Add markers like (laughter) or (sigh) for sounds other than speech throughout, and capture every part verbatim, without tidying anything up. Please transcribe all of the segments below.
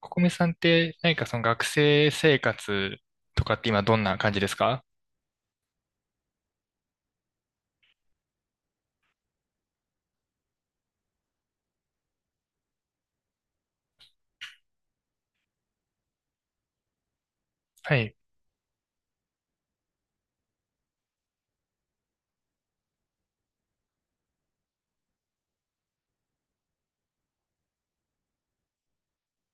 ココミさんって何かその学生生活とかって今どんな感じですか？はい、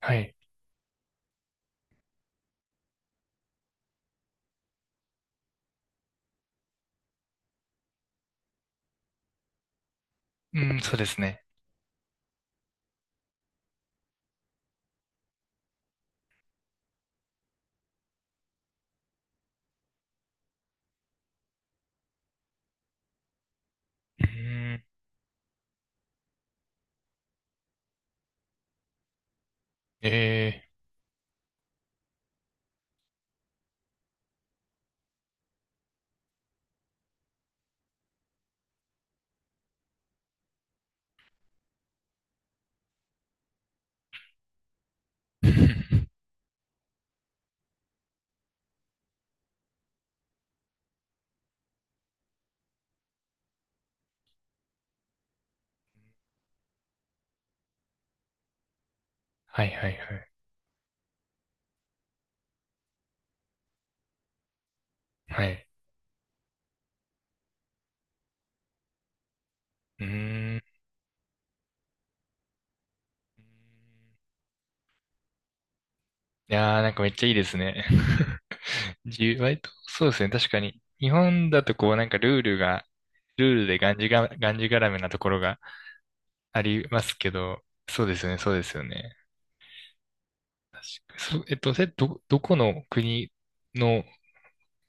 はい。うん、そうですね。うーん、ええー (laughs) はいはいはい。はい。うーん。いやーなんかめっちゃいいですね。(laughs) 自由、割と、そうですね。確かに。日本だとこうなんかルールが、ルールでがんじが、がんじがらめなところがありますけど、そうですよね、そうですよね。そ、えっと、せ、ど、どこの国の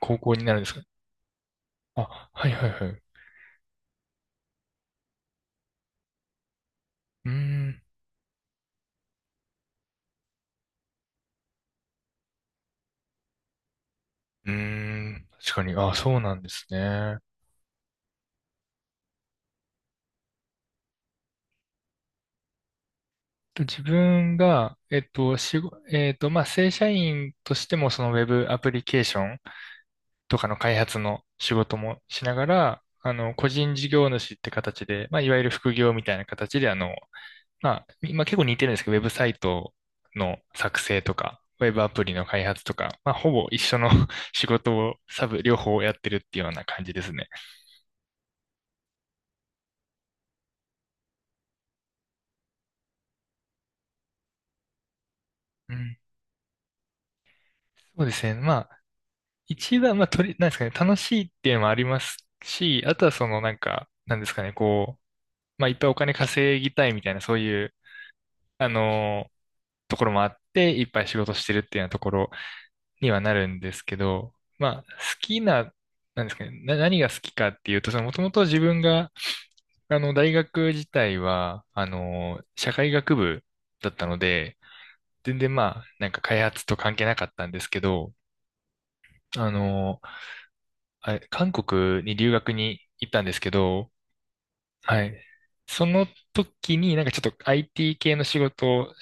高校になるんですか？あ、はいはいはい。うーん。うーん。確かに。あ、そうなんですね。と自分が、えっと、しご、えっと、まあ、正社員としても、そのウェブアプリケーションとかの開発の仕事もしながら、あの、個人事業主って形で、まあ、いわゆる副業みたいな形で、あの、まあ、今結構似てるんですけど、ウェブサイトの作成とか、ウェブアプリの開発とか、まあ、ほぼ一緒の (laughs) 仕事をサブ、両方やってるっていうような感じですね。うん、そうですね。ま一番、まあ、とり、なんですかね、楽しいっていうのもありますし、あとはその、なんか、なんですかね、こう、まあ、いっぱいお金稼ぎたいみたいな、そういう、あのーところもあって、いっぱい仕事してるっていうようなところにはなるんですけど、まあ、好きな、なんですかね、な、何が好きかっていうと、その、もともと自分が、あの、大学自体は、あのー社会学部だったので、全然まあ、なんか開発と関係なかったんですけど、あのあれ韓国に留学に行ったんですけど、はい。その時になんかちょっと アイティー 系の仕事を、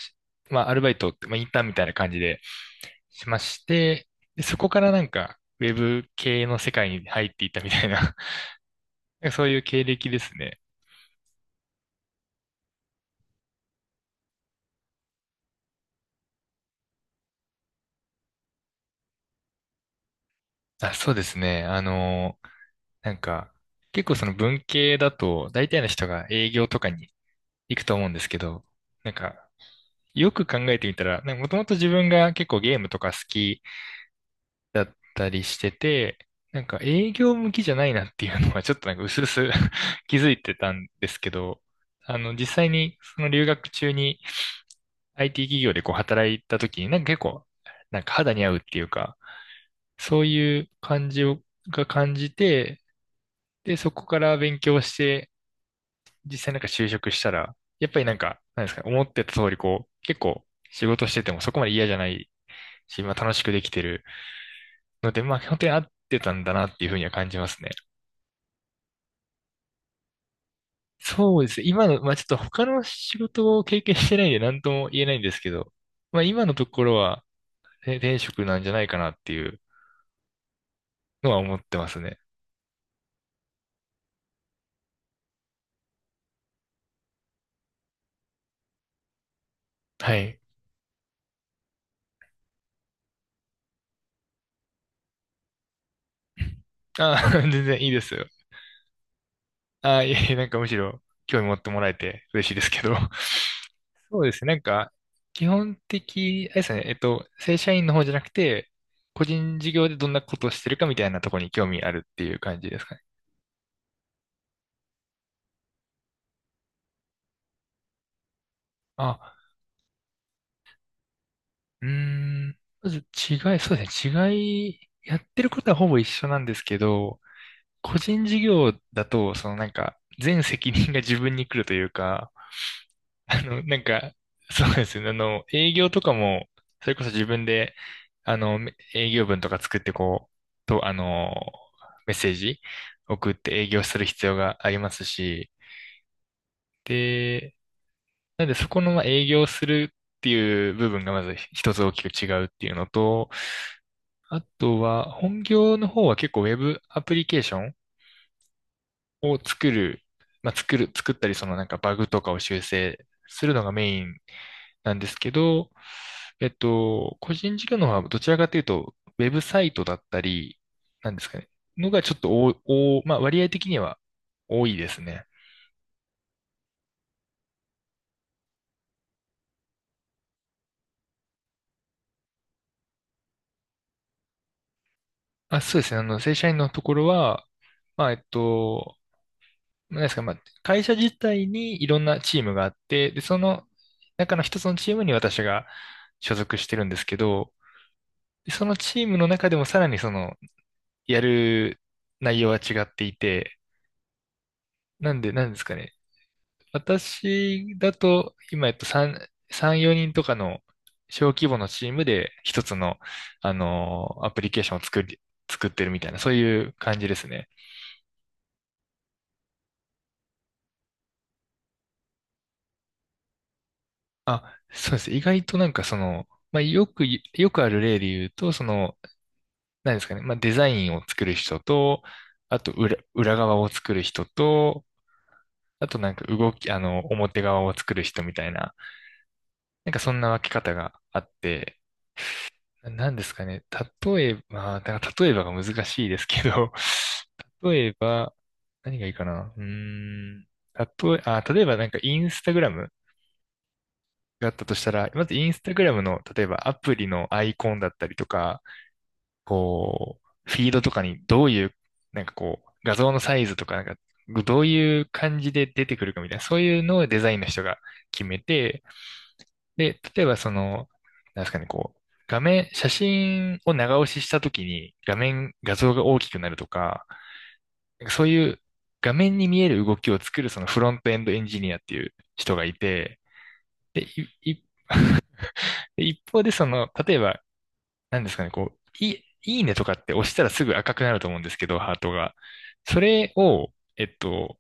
まあアルバイトって、まあインターンみたいな感じでしまして、で、そこからなんかウェブ系の世界に入っていったみたいな、 (laughs) なんかそういう経歴ですね。あ、そうですね。あの、なんか結構その文系だと大体の人が営業とかに行くと思うんですけど、なんかよく考えてみたら、なんかもともと自分が結構ゲームとか好きだったりしてて、なんか営業向きじゃないなっていうのはちょっとなんか薄々 (laughs) 気づいてたんですけど、あの実際にその留学中に アイティー 企業でこう働いた時になんか結構なんか肌に合うっていうか、そういう感じをが感じて、で、そこから勉強して、実際なんか就職したら、やっぱりなんか、なんですか、思ってた通りこう、結構仕事しててもそこまで嫌じゃないし、まあ楽しくできてるので、まあ本当に合ってたんだなっていうふうには感じますね。そうですね。今の、まあちょっと他の仕事を経験してないんで何とも言えないんですけど、まあ今のところは、ね転職なんじゃないかなっていうのは思ってますね。はい。あ、(laughs) 全然いいですよ。あ、いえいえ、なんかむしろ興味持ってもらえて嬉しいですけど。そうですね。なんか、基本的、あれですね。えっと、正社員の方じゃなくて、個人事業でどんなことをしてるかみたいなところに興味あるっていう感じですかね。あ、うーん。まず違い、(laughs) そうですね。違い、やってることはほぼ一緒なんですけど、個人事業だと、そのなんか、全責任が自分に来るというか、あの、なんか、そうですね。あの、営業とかも、それこそ自分で、あの、営業文とか作ってこう、と、あの、メッセージ送って営業する必要がありますし、で、なんでそこのまあ営業するっていう部分がまず一つ大きく違うっていうのと、あとは、本業の方は結構ウェブアプリケーションを作る、まあ、作る、作ったり、そのなんかバグとかを修正するのがメインなんですけど、えっと、個人事業の方はどちらかというと、ウェブサイトだったり、なんですかね、のがちょっとお、お、まあ、割合的には多いですね。あ、そうですね。あの、正社員のところは、まあ、えっと、なんですか、まあ、会社自体にいろんなチームがあって、で、その中の一つのチームに私が所属してるんですけど、でそのチームの中でもさらにその、やる内容は違っていて、なんで、なんですかね。私だと、今、えっと、さん、さん、よにんとかの小規模のチームで一つの、あの、アプリケーションを作り、作ってるみたいな、そういう感じですね。あ、そうです。意外となんかその、まあ、よくい、よくある例で言うと、その、何ですかね、まあ、デザインを作る人と、あと裏、裏側を作る人と、あとなんか動き、あの、表側を作る人みたいな、なんかそんな分け方があって、ななんですかね、例えば、まあだから例えばが難しいですけど、(laughs) 例えば、何がいいかな、うーん、例え、あ、例えばなんかインスタグラムがあったとしたら、まずインスタグラムの、例えばアプリのアイコンだったりとか、こう、フィードとかにどういう、なんかこう、画像のサイズとか、なんか、どういう感じで出てくるかみたいな、そういうのをデザインの人が決めて、で、例えばその、なんですかね、こう、画面、写真を長押ししたときに画面、画像が大きくなるとか、なんかそういう画面に見える動きを作るそのフロントエンドエンジニアっていう人がいて、で、いい (laughs) 一方でその、例えばなんですかね、こう、いい、いいねとかって押したらすぐ赤くなると思うんですけど、ハートが。それを、えっと、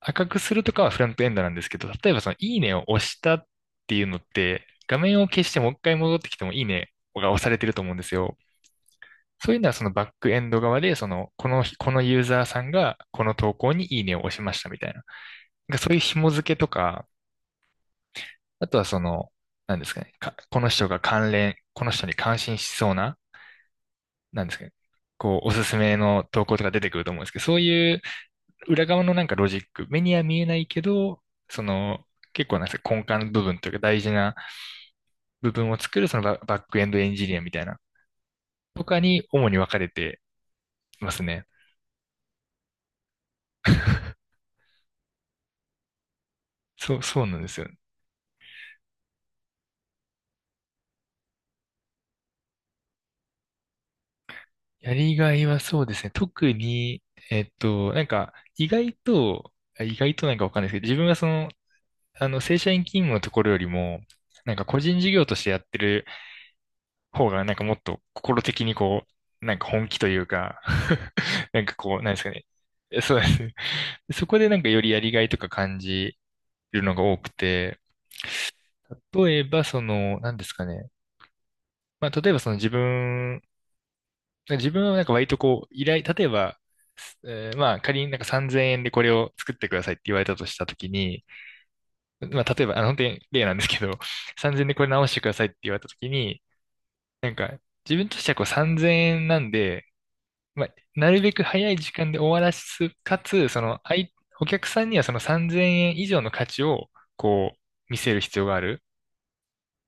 赤くするとかはフロントエンドなんですけど、例えばそのいいねを押したっていうのって、画面を消してもう一回戻ってきてもいいねが押されてると思うんですよ。そういうのはそのバックエンド側で、その、この、このユーザーさんがこの投稿にいいねを押しましたみたいな。なんかそういう紐付けとか、あとはその、なんですかね、かこの人が関連、この人に関心しそうな、なんですかね、こう、おすすめの投稿とか出てくると思うんですけど、そういう裏側のなんかロジック、目には見えないけど、その、結構なんですか、根幹の部分というか大事な部分を作る、そのババックエンドエンジニアみたいな、とかに主に分かれてますね。そう、そうなんですよ。やりがいはそうですね。特に、えっと、なんか、意外と、あ意外となんかわかんないですけど、自分はその、あの、正社員勤務のところよりも、なんか個人事業としてやってる方が、なんかもっと心的にこう、なんか本気というか、 (laughs) なんかこう、なんですかね。えそうですね。そこでなんかよりやりがいとか感じるのが多くて、例えばその、なんですかね。まあ、例えばその自分、自分はなんか割とこう、依頼、例えば、えーまあ仮になんかさんぜんえんでこれを作ってくださいって言われたとしたときに、まあ例えば、あの本当に例なんですけど、さんぜんえんでこれ直してくださいって言われたときに、なんか自分としてはこうさんぜんえんなんで、まあ、なるべく早い時間で終わらす、かつ、その、あい、お客さんにはそのさんぜんえん以上の価値を、こう、見せる必要があるっ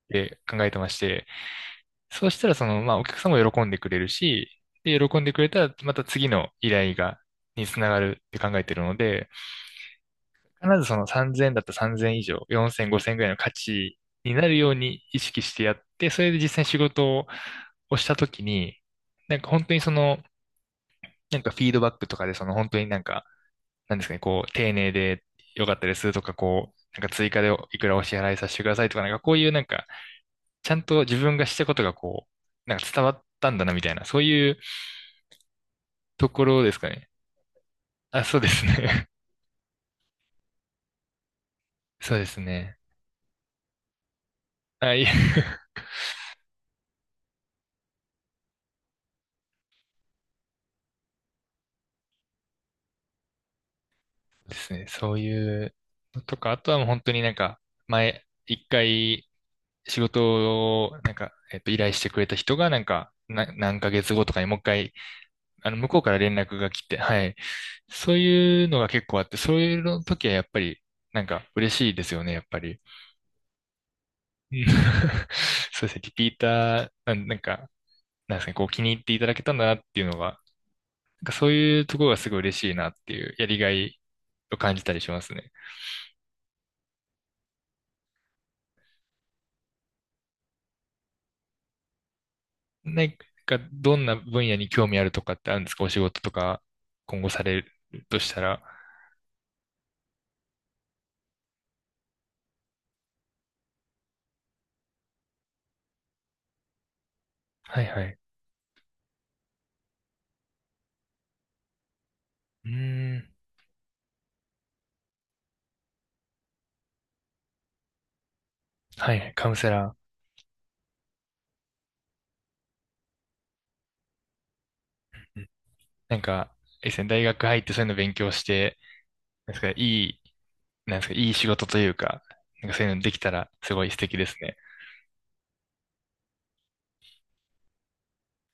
て考えてまして、そうしたら、その、まあ、お客さんも喜んでくれるし、で、喜んでくれたら、また次の依頼が、につながるって考えてるので、必ずそのさんぜんえんだったらさんぜんえん以上、よんせん、ごせんぐらいの価値になるように意識してやって、それで実際に仕事をしたときに、なんか本当にその、なんかフィードバックとかで、その本当になんか、なんですかね、こう、丁寧で良かったですとか、こう、なんか追加でいくらお支払いさせてくださいとか、なんかこういうなんか、ちゃんと自分がしたことがこう、なんか伝わったんだなみたいな、そういうところですかね。あ、そうですね。(laughs) そうですね。あ、いえ (laughs) ですね。そういうのとか、あとはもう本当になんか、前、一回仕事を、なんか、えっと、依頼してくれた人が、なんか、な、何ヶ月後とかにもう一回あの、向こうから連絡が来て、はい。そういうのが結構あって、そういうの時はやっぱり、なんか嬉しいですよね、やっぱり。うん (laughs) そうですね、リピーター、なんなんか、なんですかね、こう気に入っていただけたんだなっていうのが、なんかそういうところがすごい嬉しいなっていう、やりがいを感じたりしますね。なんか、どんな分野に興味あるとかってあるんですかお仕事とか、今後されるとしたら。はいはい。うーん。はいはい、カウンセラー。うんなんか、え、ですね大学入ってそういうの勉強して、なんですか、いい、なんですか、いい仕事というか、なんかそういうのできたらすごい素敵ですね。